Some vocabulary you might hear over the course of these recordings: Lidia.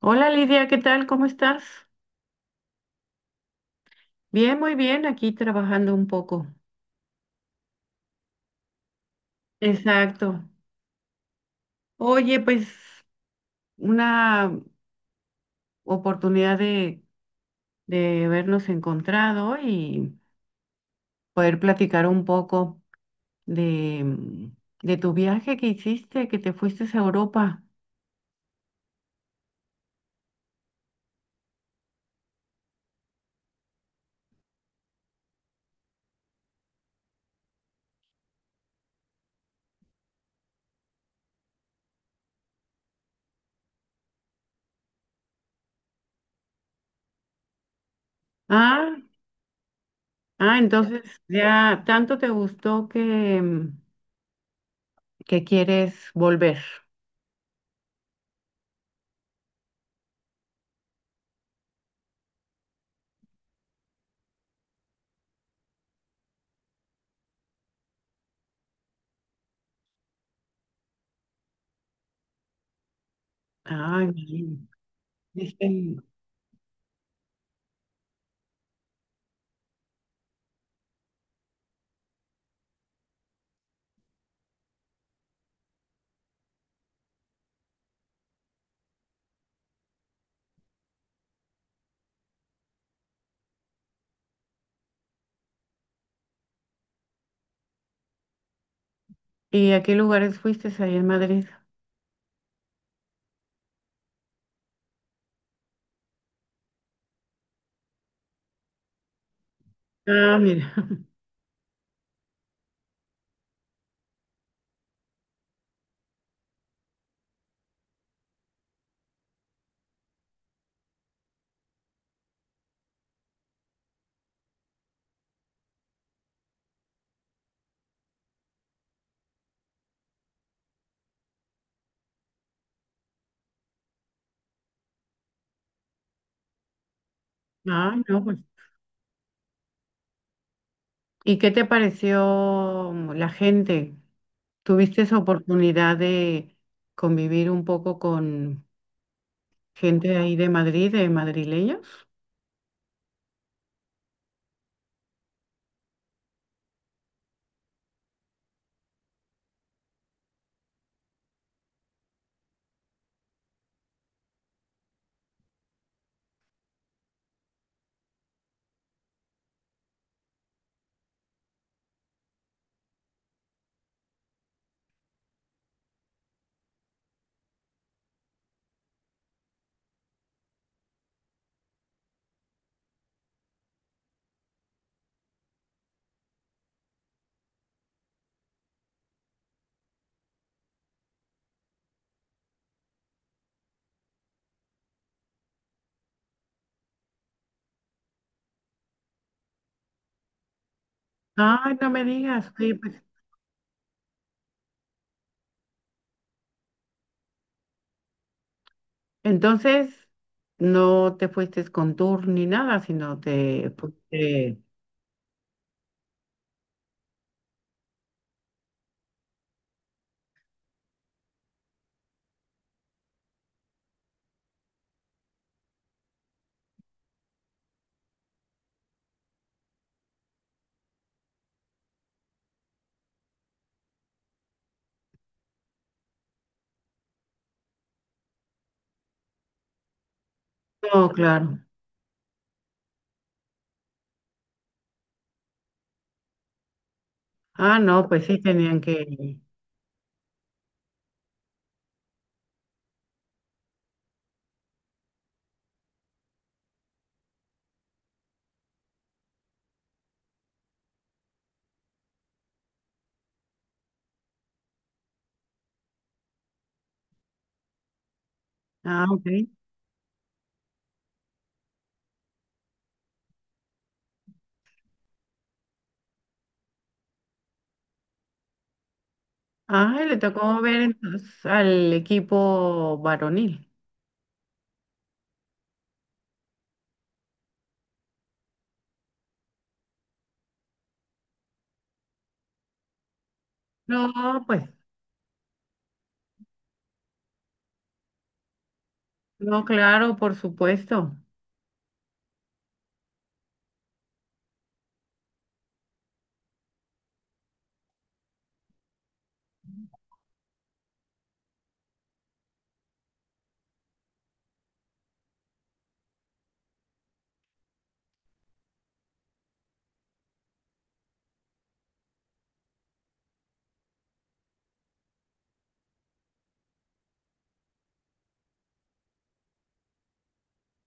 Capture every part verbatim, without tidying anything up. Hola Lidia, ¿qué tal? ¿Cómo estás? Bien, muy bien, aquí trabajando un poco. Exacto. Oye, pues una oportunidad de, de vernos encontrado y poder platicar un poco de, mm, de tu viaje que hiciste, que te fuiste a Europa. Ah, ah, entonces ya tanto te gustó que, mm, que quieres volver. Ay, bien. Este, ¿y a qué lugares fuiste ahí en Madrid? Ah, mira. Ah, no, pues. ¿Y qué te pareció la gente? ¿Tuviste esa oportunidad de convivir un poco con gente de ahí de Madrid, de madrileños? Ay, no me digas. Sí, pues. Entonces, no te fuiste con tour ni nada, sino te fuiste. No, claro. Ah, no, pues sí tenían que. Ah, ok. Ah, le tocó ver entonces al equipo varonil. No, pues. No, claro, por supuesto.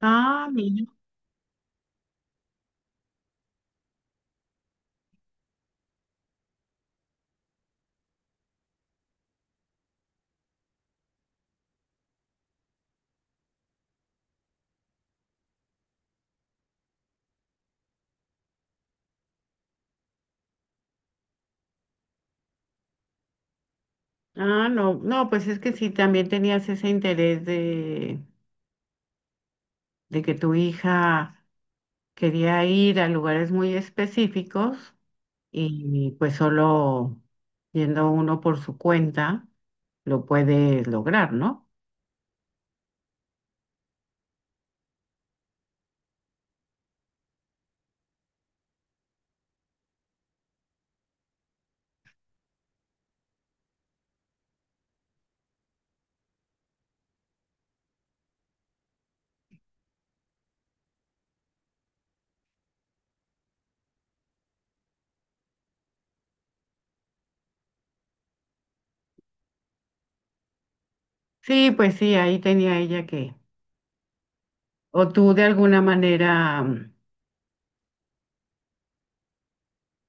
Ah, mira. Ah, no, no, pues es que sí, también tenías ese interés de, de que tu hija quería ir a lugares muy específicos y pues solo yendo uno por su cuenta lo puedes lograr, ¿no? Sí, pues sí, ahí tenía ella que, o tú de alguna manera mm,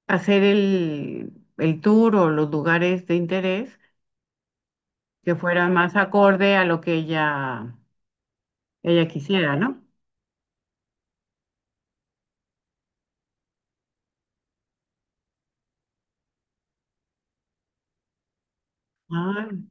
hacer el, el tour o los lugares de interés que fueran más acorde a lo que ella... Ella quisiera, ¿no? Ay,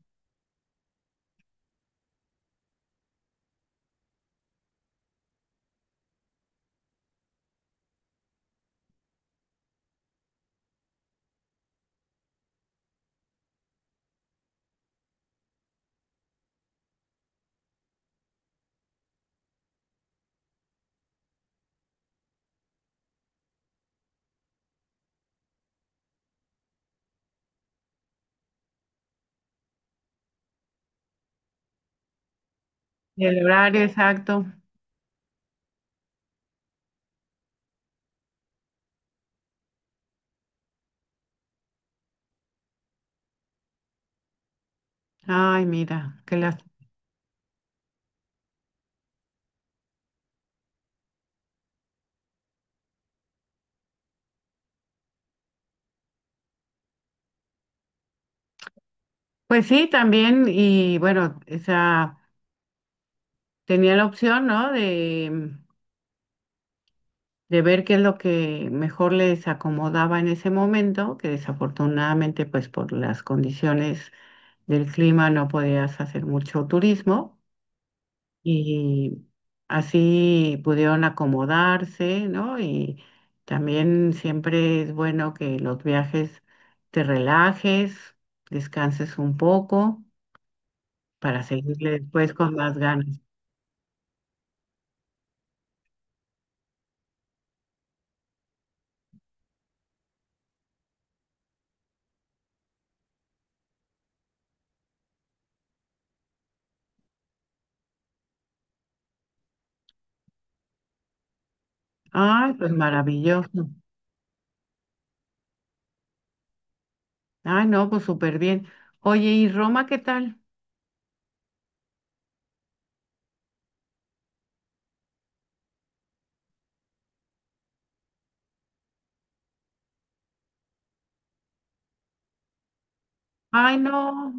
y el horario exacto. Ay, mira, qué lástima. Pues sí, también, y bueno, esa tenía la opción, ¿no? De, de ver qué es lo que mejor les acomodaba en ese momento, que desafortunadamente, pues por las condiciones del clima no podías hacer mucho turismo. Y así pudieron acomodarse, ¿no? Y también siempre es bueno que los viajes te relajes, descanses un poco para seguirle después con más ganas. Ay, pues maravilloso. Ay, no, pues súper bien. Oye, ¿y Roma qué tal? Ay, no.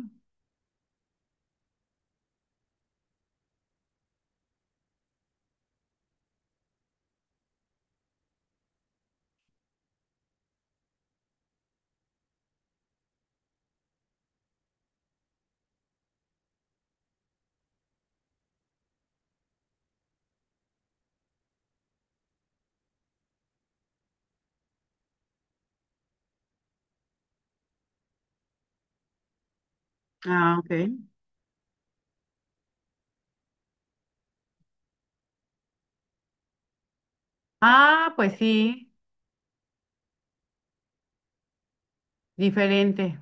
Ah, ok. Ah, pues sí, diferente.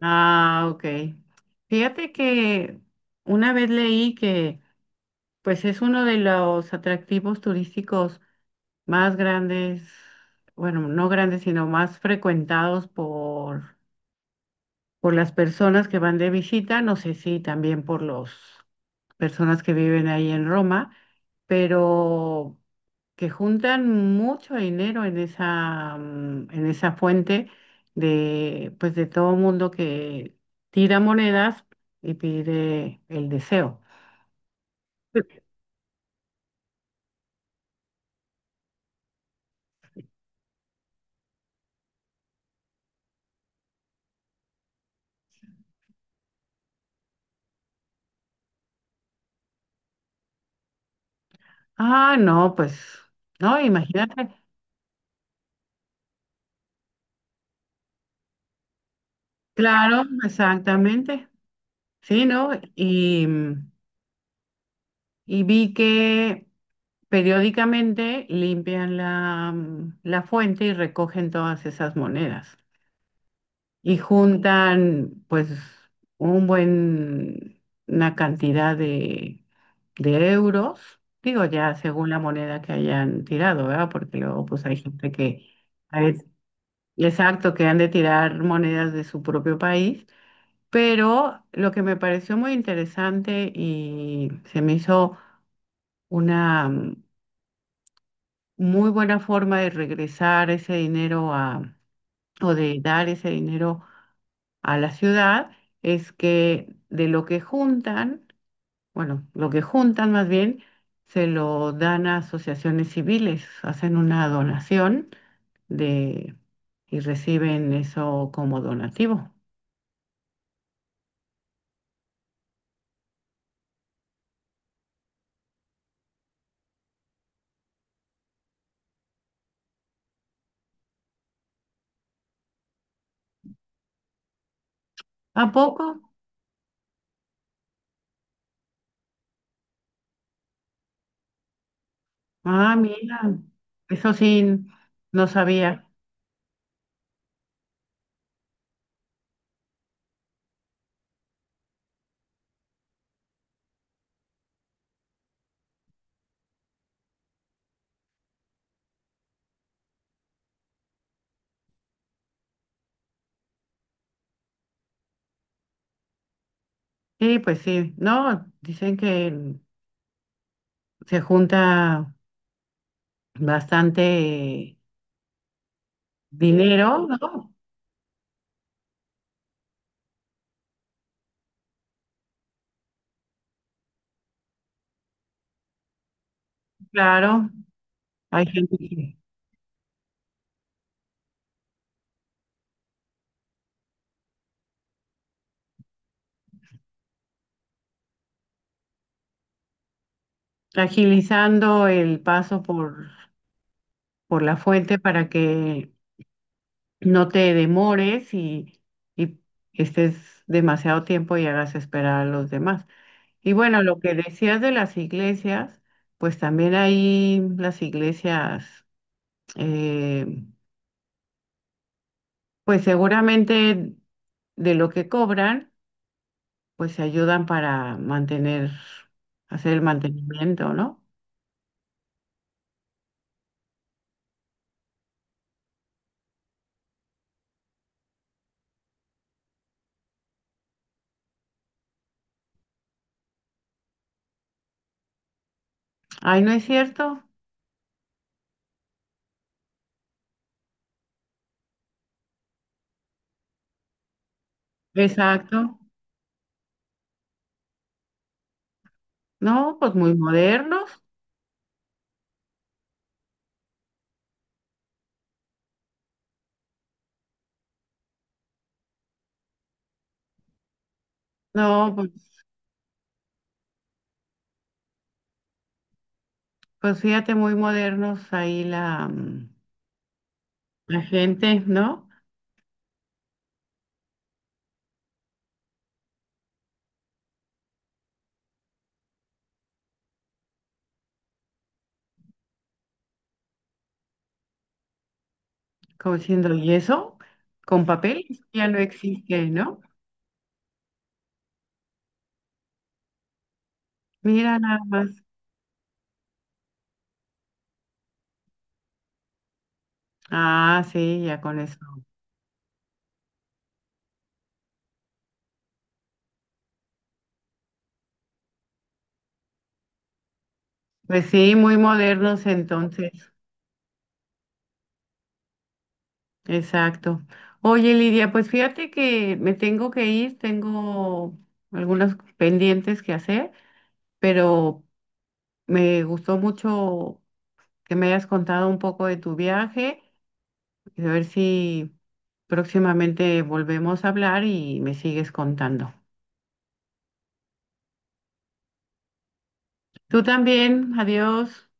Ah, ok. Fíjate que una vez leí que pues es uno de los atractivos turísticos más grandes, bueno, no grandes, sino más frecuentados por, por las personas que van de visita, no sé si también por las personas que viven ahí en Roma, pero que juntan mucho dinero en esa, mm, en esa fuente de, pues de todo mundo que tira monedas y pide el deseo. Ah, no, pues, no, imagínate. Claro, exactamente. Sí, ¿no? Y, y vi que periódicamente limpian la, mm, la fuente y recogen todas esas monedas y juntan pues un buen, una cantidad de, de euros, digo ya según la moneda que hayan tirado, ¿verdad? Porque luego pues hay gente que, a veces, exacto, que han de tirar monedas de su propio país. Pero lo que me pareció muy interesante y se me hizo una mm, muy buena forma de regresar ese dinero a, o de dar ese dinero a la ciudad, es que de lo que juntan, bueno, lo que juntan más bien, se lo dan a asociaciones civiles, hacen una donación de y reciben eso como donativo. ¿A poco? Ah, mira, eso sí, no sabía. Sí, pues sí, no, dicen que el se junta bastante dinero, ¿no? Claro, hay gente que agilizando el paso por, por la fuente para que no te demores y, y estés demasiado tiempo y hagas esperar a los demás. Y bueno, lo que decías de las iglesias, pues también ahí las iglesias, eh, pues seguramente de lo que cobran pues se ayudan para mantener, hacer el mantenimiento, ¿no? Ay, ¿no es cierto? Exacto. No, pues muy modernos. No, pues, pues fíjate, muy modernos ahí la, mm, la gente, ¿no? Como diciendo, ¿y eso? Con papel ya no existe, ¿no? Mira nada más. Ah, sí, ya con eso. Pues sí, muy modernos entonces. Exacto. Oye, Lidia, pues fíjate que me tengo que ir, tengo algunos pendientes que hacer, pero me gustó mucho que me hayas contado un poco de tu viaje y a ver si próximamente volvemos a hablar y me sigues contando. Tú también, adiós.